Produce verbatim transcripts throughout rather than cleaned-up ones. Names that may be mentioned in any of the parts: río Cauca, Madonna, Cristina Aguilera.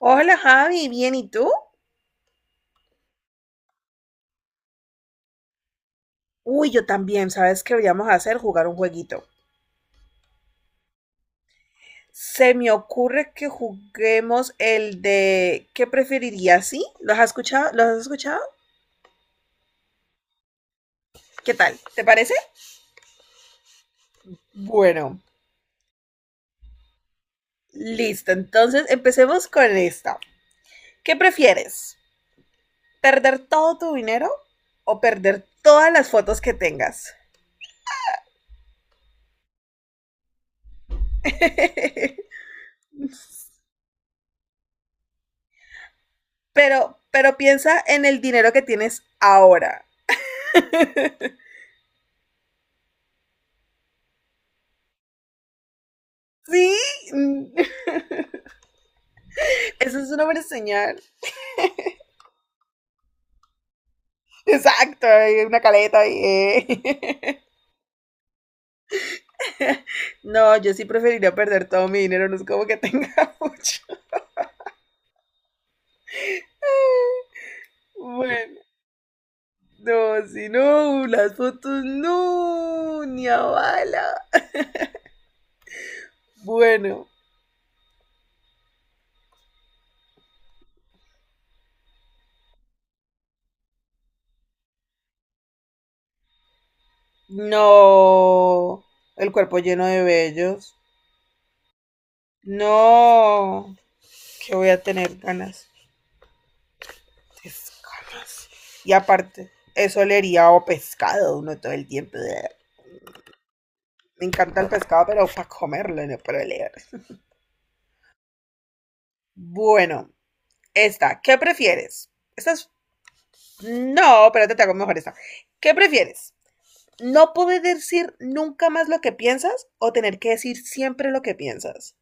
Hola Javi, bien, ¿y tú? Uy, yo también, ¿sabes qué deberíamos hacer? Jugar un jueguito. Se me ocurre que juguemos el de ¿qué preferirías? ¿Sí? ¿Los has escuchado? ¿Los has escuchado? ¿Qué tal? ¿Te parece? Bueno, listo. Entonces empecemos con esta. ¿Qué prefieres? ¿Perder todo tu dinero o perder todas las fotos que tengas? Pero, pero piensa en el dinero que tienes ahora. Sí, Mm, eso es una buena señal. Exacto, hay una caleta ahí. eh. No, yo sí preferiría perder todo mi dinero, no es como que tenga mucho. Bueno, no, si no, las fotos no, ni a bala. Bueno, no, el cuerpo lleno de vellos. No, que voy a tener ganas. Esas ganas. Y aparte, eso olería a pescado uno todo el tiempo. Me encanta el pescado, pero para comerlo, no para leer. Bueno, esta, ¿qué prefieres? Esta es... No, espérate, te hago mejor esta. ¿Qué prefieres? ¿No poder decir nunca más lo que piensas o tener que decir siempre lo que piensas?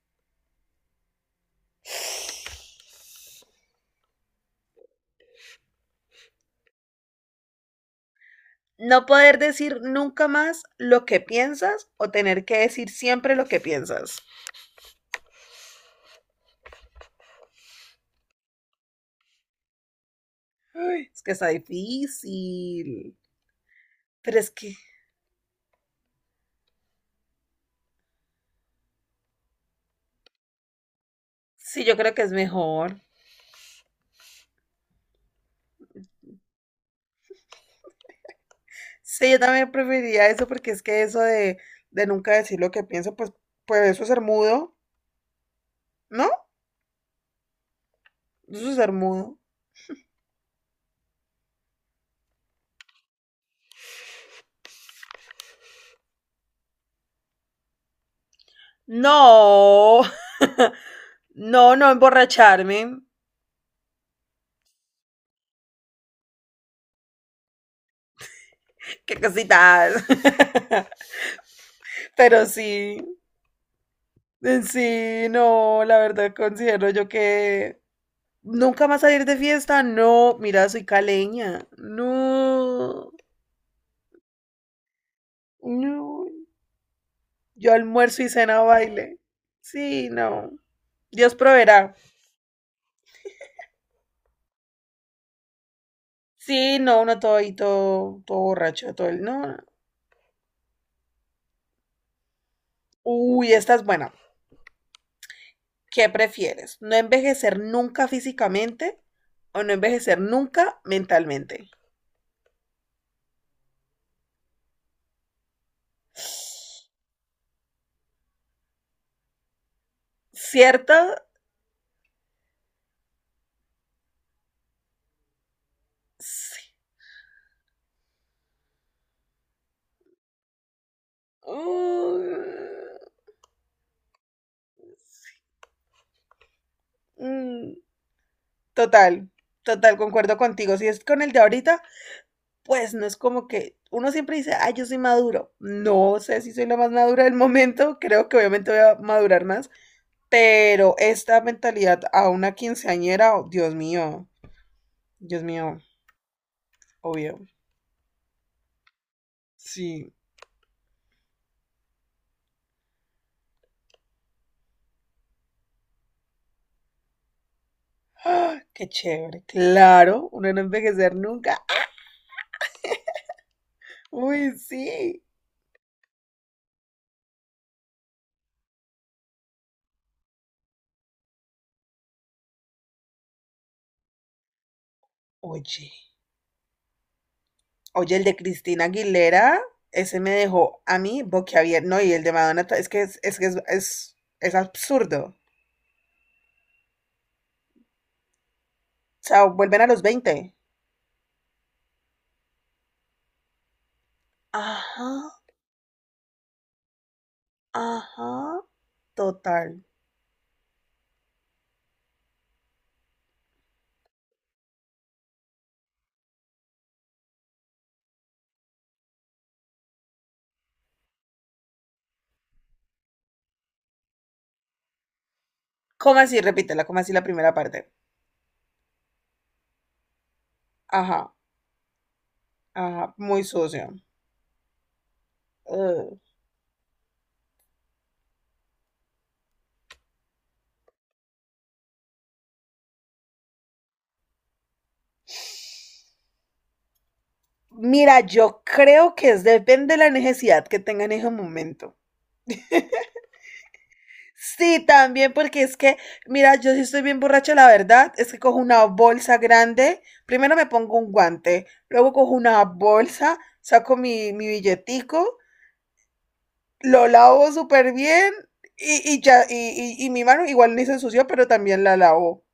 ¿No poder decir nunca más lo que piensas o tener que decir siempre lo que piensas? Ay, es que está difícil. Pero es que sí, yo creo que es mejor. Sí, yo también preferiría eso porque es que eso de, de nunca decir lo que pienso, pues, pues eso es ser mudo, ¿no? Eso es ser mudo. No, no, no emborracharme. Qué cositas. Pero sí, sí, no, la verdad considero yo que nunca más salir de fiesta. No, mira, soy caleña. No, no. Yo almuerzo y cena baile. Sí, no. Dios proveerá. Sí, no, uno todo y todo, todo borracho, todo el. No, no. Uy, esta es buena. ¿Qué prefieres? ¿No envejecer nunca físicamente o no envejecer nunca mentalmente? ¿Cierto? Sí. Uh, mm, total, total, concuerdo contigo. Si es con el de ahorita, pues no es como que uno siempre dice, ay, yo soy maduro. No sé si soy la más madura del momento, creo que obviamente voy a madurar más, pero esta mentalidad a una quinceañera, oh, Dios mío, Dios mío, obvio. Sí, ¡ah! Qué chévere. Claro, uno no envejecer nunca. Uy, sí. Oye, oye, el de Cristina Aguilera, ese me dejó a mí boquiabierto. No, y el de Madonna, ta- es que es, es, que es, es, es absurdo. O sea, vuelven a los veinte. Ajá, ajá, total. ¿Cómo así? Repítela, ¿cómo así la primera parte? Ajá, ajá, muy sucio. Ugh. Mira, yo creo que es depende de la necesidad que tenga en ese momento. Sí, también porque es que, mira, yo sí estoy bien borracha, la verdad, es que cojo una bolsa grande, primero me pongo un guante, luego cojo una bolsa, saco mi, mi billetico, lo lavo súper bien y, y ya, y, y, y mi mano igual ni se ensució, pero también la lavo.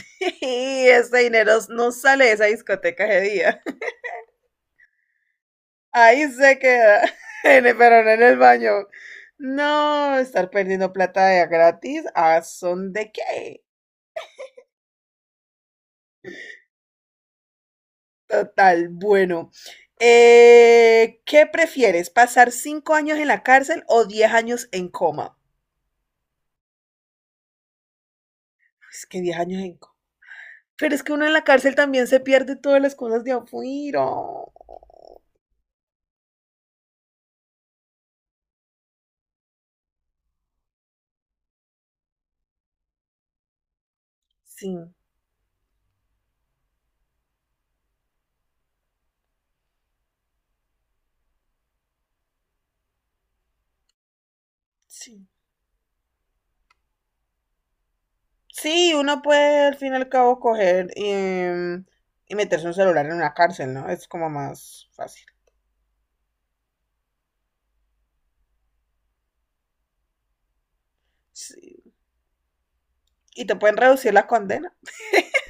Y ese dinero no sale de esa discoteca ese día. Ahí se queda, en el, pero no en el baño. No, estar perdiendo plata de a gratis, ¿a son de qué? Total, bueno. Eh, ¿qué prefieres? ¿Pasar cinco años en la cárcel o diez años en coma? Es que diez años en coma. Pero es que uno en la cárcel también se pierde todas las cosas de afuera. Sí, sí. Sí, uno puede al fin y al cabo coger eh, y meterse un celular en una cárcel, ¿no? Es como más fácil. Sí. Y te pueden reducir la condena.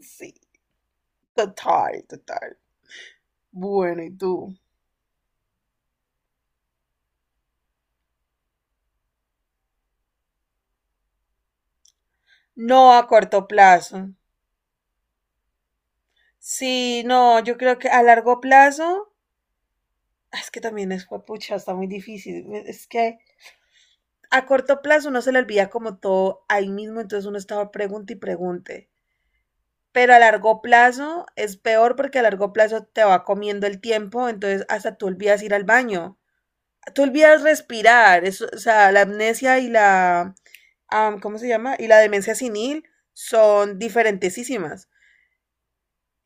Sí, total, total. Bueno, ¿y tú? No a corto plazo. Sí, no, yo creo que a largo plazo, ah, es que también es pucha, está muy difícil. Es que a corto plazo uno se le olvida como todo ahí mismo, entonces uno estaba pregunta y pregunte. Pero a largo plazo es peor porque a largo plazo te va comiendo el tiempo, entonces hasta tú olvidas ir al baño. Tú olvidas respirar, eso, o sea, la amnesia y la, am, ¿cómo se llama? Y la demencia senil son diferentísimas.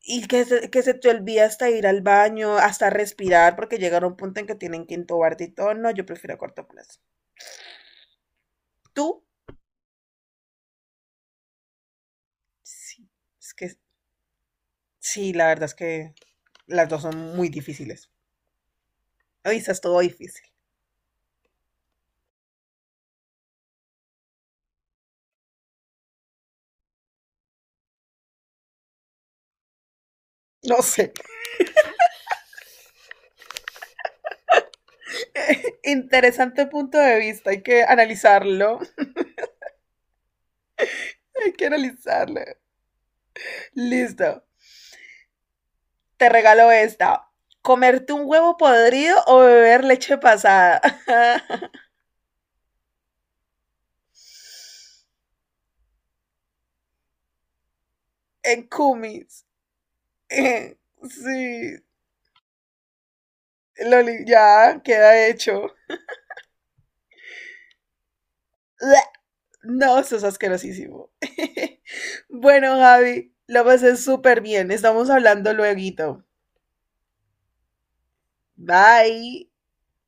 Y que se, que se te olvida hasta ir al baño, hasta respirar, porque llegar a un punto en que tienen que intubarte y todo. No, yo prefiero a corto plazo. ¿Tú? Sí. Es que sí, la verdad es que las dos son muy difíciles. Hoy es todo difícil. No sé. Interesante punto de vista. Hay que analizarlo. Hay que analizarlo. Listo. Te regalo esta. ¿Comerte un huevo podrido o beber leche pasada? En cumis. Sí, Loli, ya queda hecho. No, sos asquerosísimo. Bueno, Javi, lo pasé súper bien. Estamos hablando luego. Bye.